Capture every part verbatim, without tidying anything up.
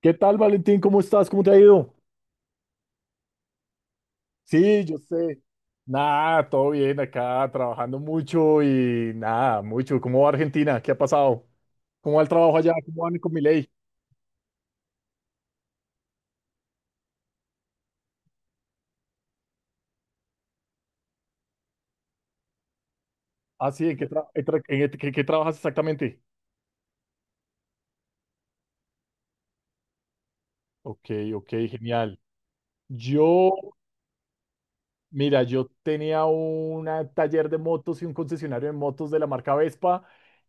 ¿Qué tal, Valentín? ¿Cómo estás? ¿Cómo te ha ido? Sí, yo sé. Nada, todo bien acá, trabajando mucho y nada, mucho. ¿Cómo va Argentina? ¿Qué ha pasado? ¿Cómo va el trabajo allá? ¿Cómo van con mi ley? Ah, sí, ¿en qué, tra- en tra- en qué- qué- qué trabajas exactamente? Ok, ok, genial. Yo Mira, yo tenía un taller de motos y un concesionario de motos de la marca Vespa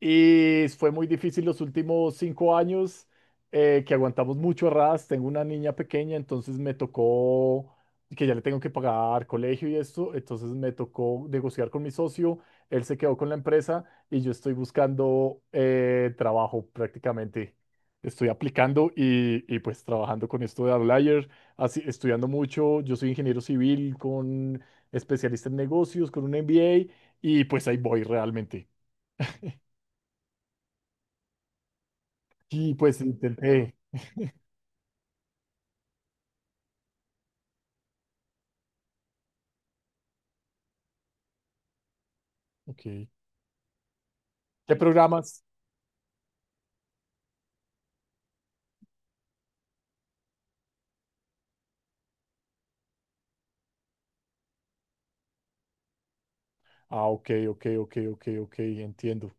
y fue muy difícil los últimos cinco años, eh, que aguantamos mucho arras. Tengo una niña pequeña, entonces me tocó que ya le tengo que pagar colegio y esto, entonces me tocó negociar con mi socio. Él se quedó con la empresa y yo estoy buscando eh, trabajo prácticamente. Estoy aplicando y, y pues trabajando con esto de outlier así, estudiando mucho. Yo soy ingeniero civil con especialista en negocios, con un M B A, y pues ahí voy realmente. Y pues intenté. Ok. ¿Qué programas? Ah, ok, ok, ok, ok, ok, entiendo.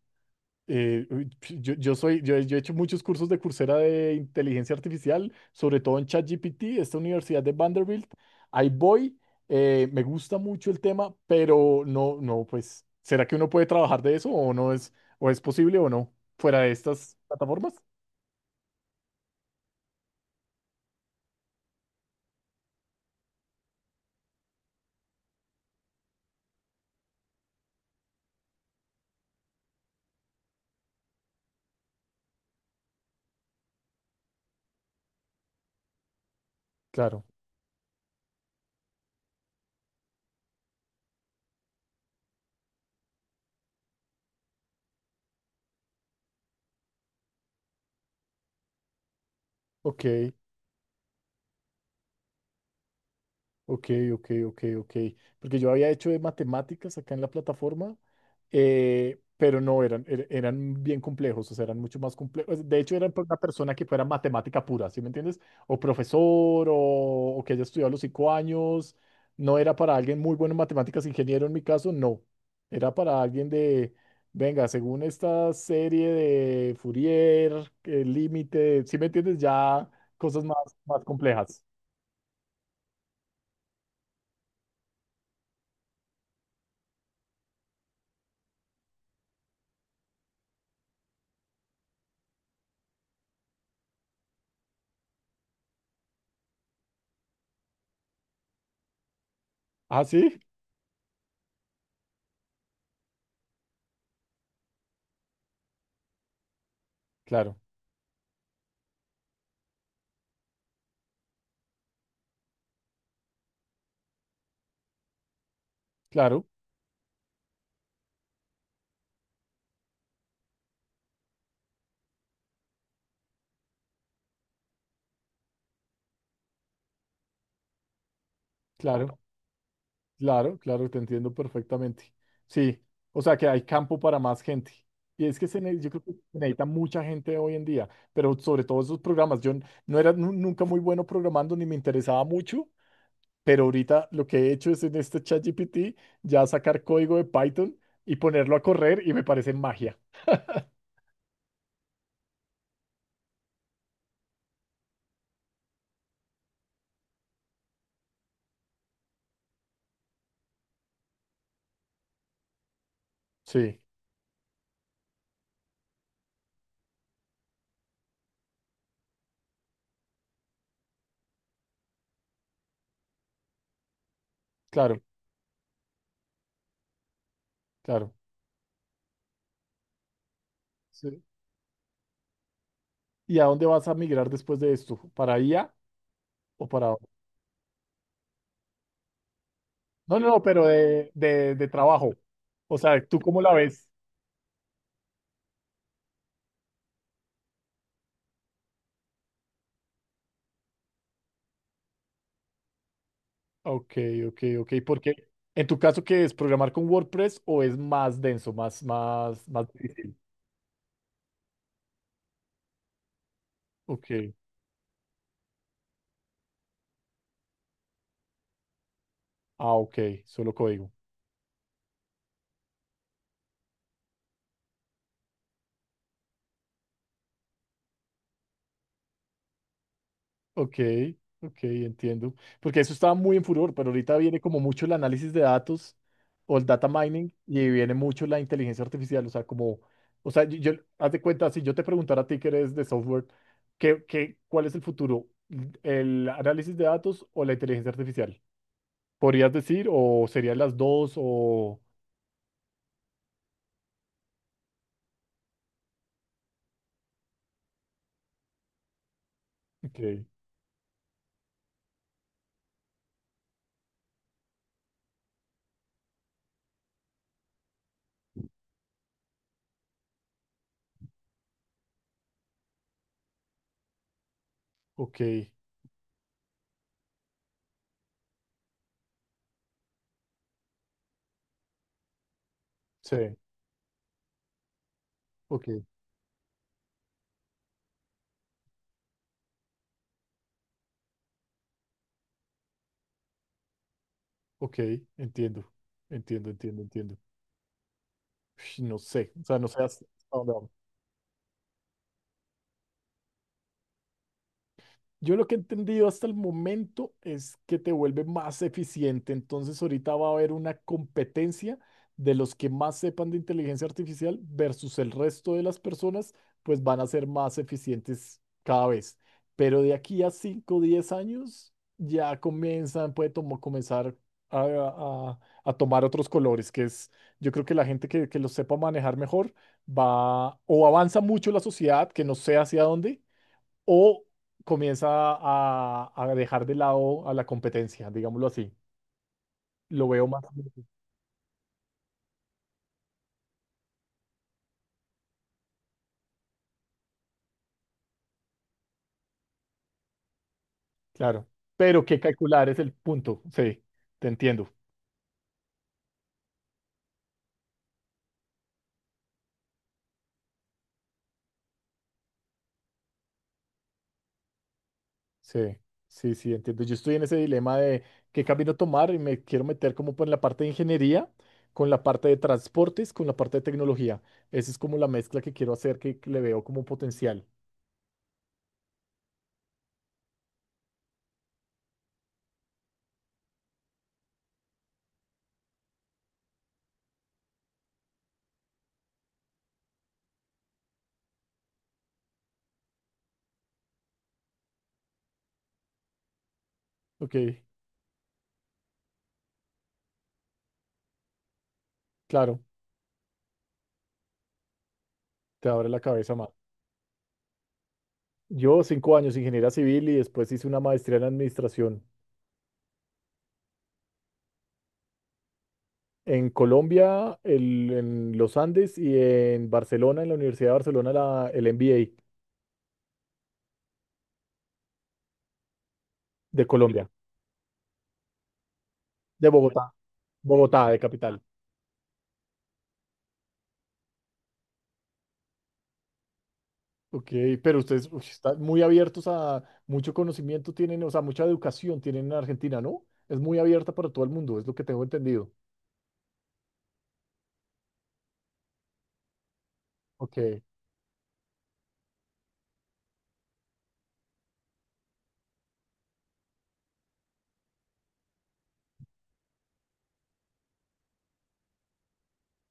Eh, uy, yo, yo soy, yo, he yo he hecho muchos cursos de Coursera de inteligencia artificial, sobre todo en ChatGPT, esta universidad de Vanderbilt. Ahí voy, eh, me gusta mucho el tema, pero no, no, pues, ¿será que uno puede trabajar de eso o no es, o es posible o no fuera de estas plataformas? Claro, ok, ok, ok, ok, ok. Porque yo había hecho de matemáticas acá en la plataforma, eh, pero no eran, er- eran bien complejos, o sea, eran mucho más complejos. De hecho, eran por una persona que fuera matemática pura, ¿sí me entiendes? O profesor, o, o que haya estudiado los cinco años. No era para alguien muy bueno en matemáticas, ingeniero en mi caso, no. Era para alguien de, venga, según esta serie de Fourier, el límite, ¿sí me entiendes? Ya cosas más, más complejas. Ah, sí, claro, claro, claro. Claro, claro, te entiendo perfectamente. Sí, o sea que hay campo para más gente. Y es que se, ne- yo creo que se necesita mucha gente hoy en día, pero sobre todo esos programas. Yo n- no era nu- nunca muy bueno programando ni me interesaba mucho, pero ahorita lo que he hecho es en este ChatGPT ya sacar código de Python y ponerlo a correr y me parece magia. Sí, claro, claro. Sí. ¿Y a dónde vas a migrar después de esto? ¿Para I A o para... No, no, no, pero de, de de trabajo. O sea, ¿tú cómo la ves? Ok, ok, ok. Porque en tu caso, ¿qué es programar con WordPress o es más denso, más, más, más difícil? Ok. Ah, ok. Solo código. Ok, ok, entiendo. Porque eso estaba muy en furor, pero ahorita viene como mucho el análisis de datos o el data mining y viene mucho la inteligencia artificial. O sea, como, o sea, yo, yo- haz de cuenta, si yo te preguntara a ti que eres de software, ¿qué, qué, cuál es el futuro? ¿El análisis de datos o la inteligencia artificial? ¿Podrías decir o serían las dos o... Ok, ok, sí, ok, ok, entiendo, entiendo, entiendo, entiendo. Ush, no sé, o sea, no sé hasta hasta dónde vamos. Yo lo que he entendido hasta el momento es que te vuelve más eficiente. Entonces ahorita va a haber una competencia de los que más sepan de inteligencia artificial versus el resto de las personas, pues van a ser más eficientes cada vez. Pero de aquí a cinco, o diez años ya comienzan, puede tomo- comenzar a, a- a tomar otros colores, que es, yo creo que la gente que, que lo sepa manejar mejor va o avanza mucho la sociedad, que no sé hacia dónde o comienza a, a dejar de lado a la competencia, digámoslo así. Lo veo más, claro. Pero que calcular es el punto, sí, te entiendo. Sí, sí, sí, entiendo. Yo estoy en ese dilema de qué camino tomar y me quiero meter como por la parte de ingeniería, con la parte de transportes, con la parte de tecnología. Esa es como la mezcla que quiero hacer, que que le veo como potencial. Ok, claro, te abre la cabeza más. Yo cinco años ingeniería civil y después hice una maestría en administración. En Colombia, el- en los Andes y en Barcelona, en la Universidad de Barcelona, la, el M B A de Colombia, de Bogotá, Bogotá, de capital. Ok, pero ustedes uy, están muy abiertos a mucho conocimiento tienen, o sea, mucha educación tienen en Argentina, ¿no? Es muy abierta para todo el mundo, es lo que tengo entendido. Ok,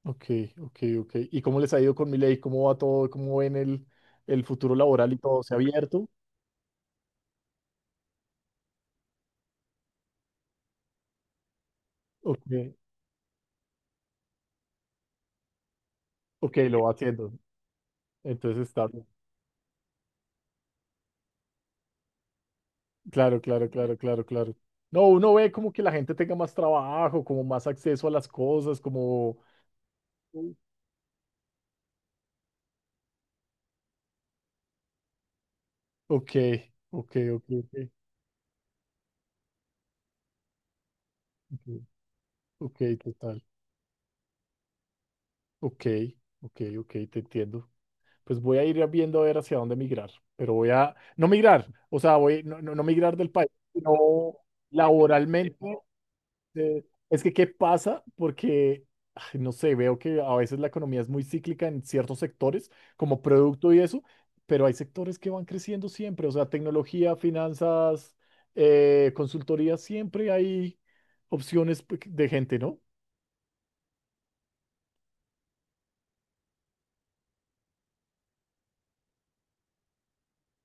ok, ok, ok. ¿Y cómo les ha ido con Milei? ¿Cómo va todo? ¿Cómo ven el, el futuro laboral y todo? ¿Se ha abierto? Ok, ok, lo va haciendo. Entonces está. Claro, claro, claro, claro, claro. No, uno ve como que la gente tenga más trabajo, como más acceso a las cosas, como... Ok, ok, ok, ok, ok, ok, total. Ok, ok, ok, te entiendo. Pues voy a ir viendo a ver hacia dónde migrar, pero voy a... No migrar, o sea, voy, no, no, no migrar del país, sino laboralmente. Eh, es que, ¿qué pasa? Porque, ay, no sé, veo que a veces la economía es muy cíclica en ciertos sectores, como producto y eso, pero hay sectores que van creciendo siempre, o sea, tecnología, finanzas, eh, consultoría, siempre hay opciones pe- de gente, ¿no?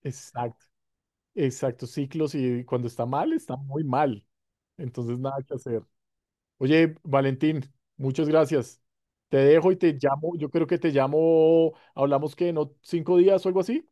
Exacto, exacto, ciclos y cuando está mal, está muy mal. Entonces, nada que hacer. Oye, Valentín, muchas gracias. Te dejo y te llamo, yo creo que te llamo, hablamos que en ot- cinco días o algo así.